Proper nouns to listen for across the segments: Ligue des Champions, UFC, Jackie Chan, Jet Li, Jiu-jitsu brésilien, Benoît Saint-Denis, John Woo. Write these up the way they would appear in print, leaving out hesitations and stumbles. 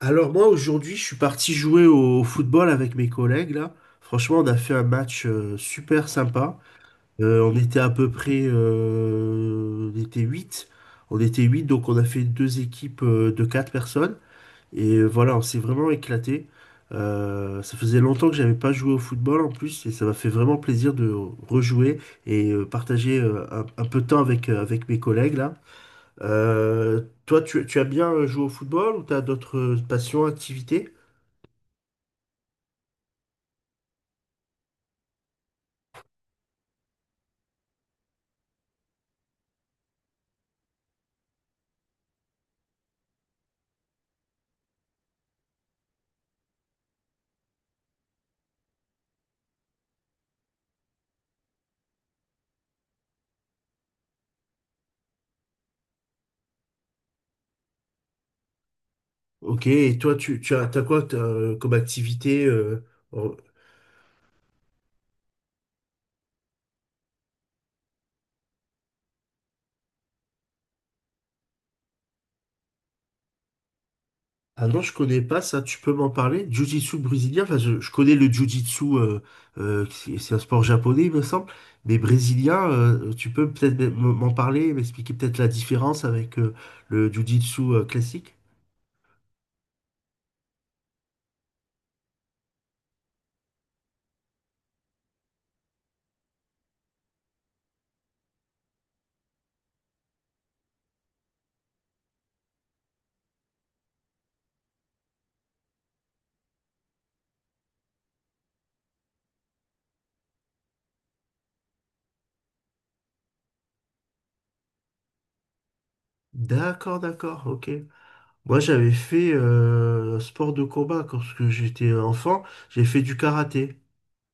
Alors moi aujourd'hui je suis parti jouer au football avec mes collègues là. Franchement on a fait un match super sympa. On était à peu près on était 8. On était 8 donc on a fait deux équipes de quatre personnes. Et voilà on s'est vraiment éclaté. Ça faisait longtemps que j'avais pas joué au football en plus et ça m'a fait vraiment plaisir de rejouer et partager un peu de temps avec, avec mes collègues là. Toi, tu aimes bien jouer au football ou t'as d'autres passions, activités? Ok, et toi, tu as, t'as quoi comme activité en- Ah non, je connais pas ça, tu peux m'en parler? Jiu-jitsu brésilien, enfin, je connais le jiu-jitsu, c'est un sport japonais, il me semble, mais brésilien, tu peux peut-être m'en parler, m'expliquer peut-être la différence avec le jiu-jitsu classique? D'accord, d'accord, ok. Moi, j'avais fait un sport de combat quand parce que j'étais enfant. J'ai fait du karaté.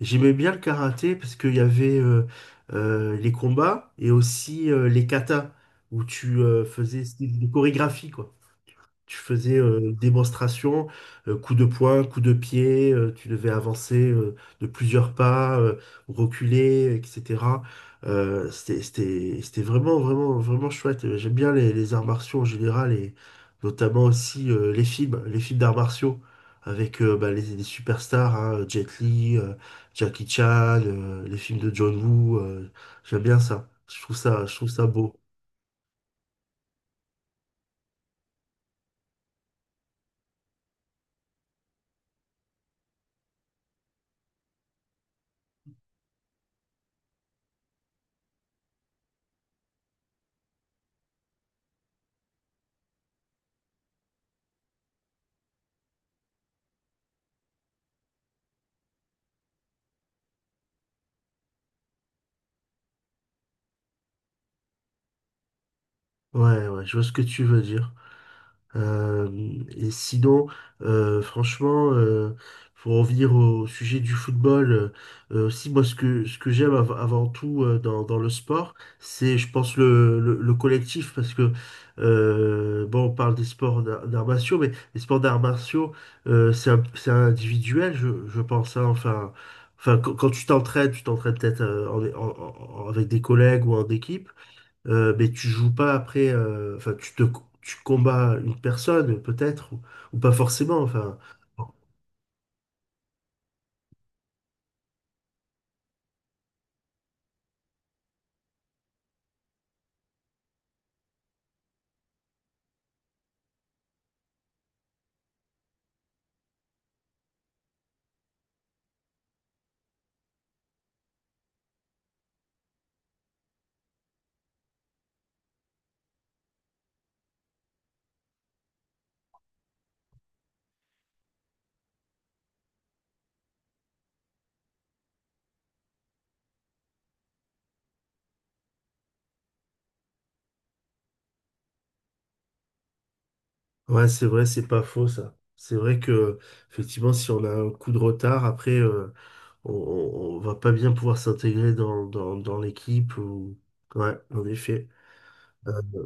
J'aimais bien le karaté parce qu'il y avait les combats et aussi les katas où tu faisais des chorégraphies, quoi. Tu faisais une démonstration, coup de poing, coup de pied, tu devais avancer de plusieurs pas, reculer, etc. C'était vraiment, vraiment, vraiment chouette. J'aime bien les arts martiaux en général et notamment aussi les films d'arts martiaux avec bah, les superstars, hein, Jet Li, Jackie Chan, les films de John Woo. J'aime bien ça. Je trouve ça beau. Ouais, ouais, je vois ce que tu veux dire. Euh, et sinon, franchement, pour en venir au sujet du football, aussi, moi, ce que j'aime avant tout dans, dans le sport, c'est, je pense, le collectif, parce que, bon, on parle des sports d'arts martiaux, mais les sports d'arts martiaux, c'est individuel, je pense, hein, enfin, enfin, quand tu t'entraînes peut-être avec des collègues ou en équipe. Mais tu joues pas après, enfin, tu combats une personne, peut-être, ou pas forcément, enfin. Ouais, c'est vrai, c'est pas faux, ça. C'est vrai que, effectivement, si on a un coup de retard, après, on va pas bien pouvoir s'intégrer dans, dans, dans l'équipe, ou... Ouais, en effet. Euh,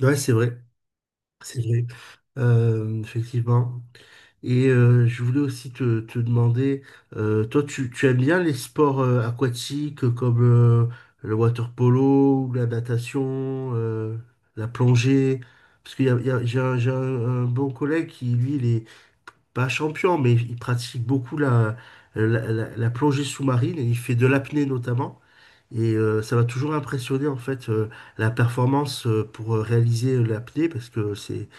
ouais, c'est vrai. C'est vrai. Effectivement. Et je voulais aussi te demander, toi, tu aimes bien les sports aquatiques comme le water polo, ou la natation, la plongée? Parce qu'il y a, un bon collègue qui, lui, il est pas champion, mais il pratique beaucoup la plongée sous-marine et il fait de l'apnée notamment. Et ça va toujours impressionner en fait la performance pour réaliser l'apnée parce que c'est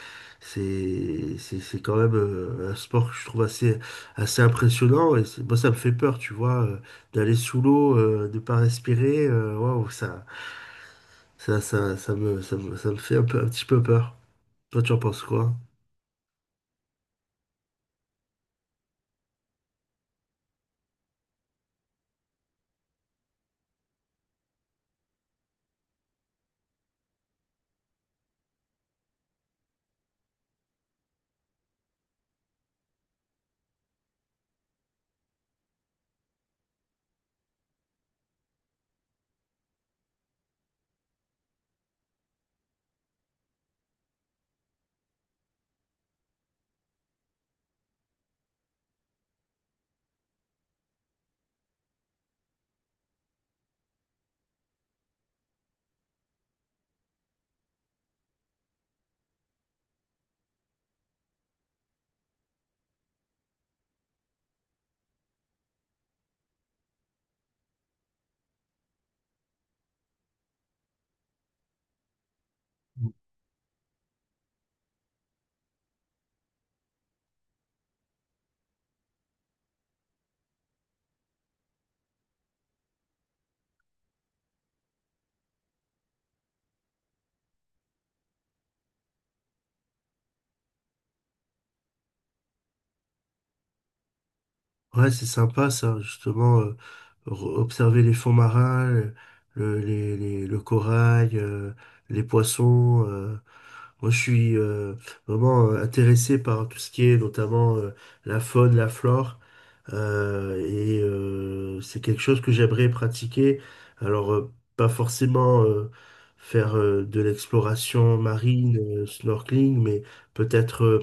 c'est c'est c'est quand même un sport que je trouve assez impressionnant et c'est- moi ça me fait peur tu vois d'aller sous l'eau de pas respirer waouh ça me ça me ça me fait un petit peu peur. Toi tu en penses quoi? Ouais c'est sympa ça justement observer les fonds marins le corail les poissons moi, je suis vraiment intéressé par tout ce qui est notamment la faune, la flore, c'est quelque chose que j'aimerais pratiquer. Alors, pas forcément faire de l'exploration marine, snorkeling, mais peut-être euh,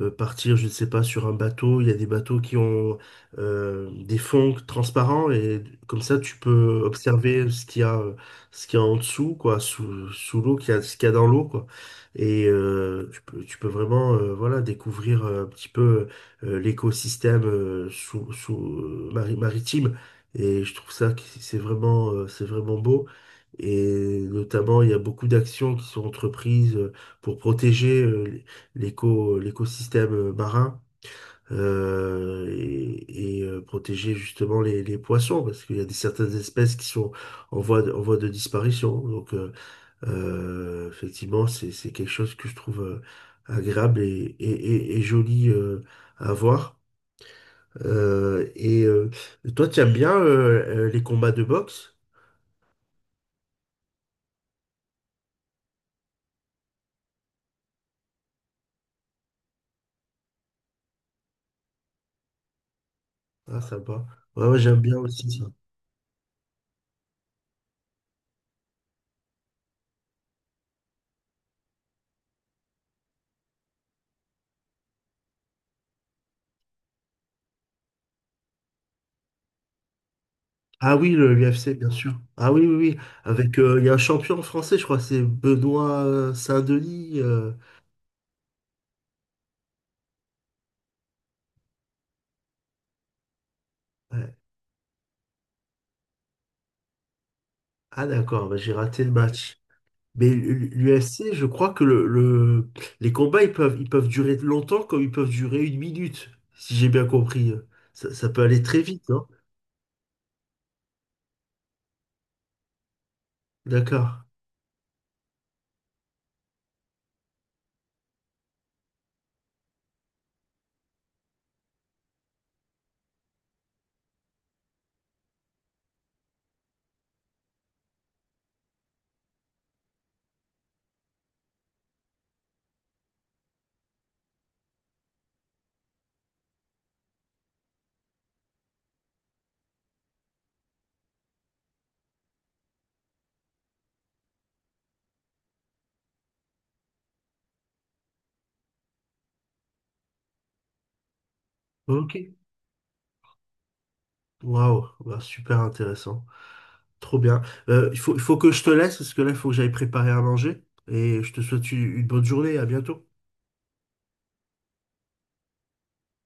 euh, partir, je ne sais pas, sur un bateau. Il y a des bateaux qui ont des fonds transparents et comme ça, tu peux observer ce qu'il y a, ce qu'il y a en dessous, quoi, sous l'eau, ce qu'il y a dans l'eau, quoi. Et tu peux vraiment, voilà, découvrir un petit peu l'écosystème maritime. Et je trouve ça que c'est vraiment beau. Et notamment, il y a beaucoup d'actions qui sont entreprises pour protéger. L'écosystème marin et protéger justement les poissons parce qu'il y a certaines espèces qui sont en voie de disparition. Donc effectivement, c'est quelque chose que je trouve agréable et joli à voir. Euh, et euh, toi, tu aimes bien les combats de boxe? Ah, sympa. Ouais, ouais, j'aime bien aussi ça. Ah oui, le UFC, bien sûr. Ah oui, oui, oui. Avec, il y a un champion français, je crois, c'est Benoît Saint-Denis. Ouais. Ah d'accord, bah, j'ai raté le match. Mais l'UFC, je crois que les combats, ils peuvent durer longtemps comme ils peuvent durer une minute, si j'ai bien compris. Ça peut aller très vite, non? D'accord. Ok. Waouh, bah, super intéressant. Trop bien. Il faut que je te laisse parce que là, il faut que j'aille préparer à manger. Et je te souhaite une bonne journée. À bientôt.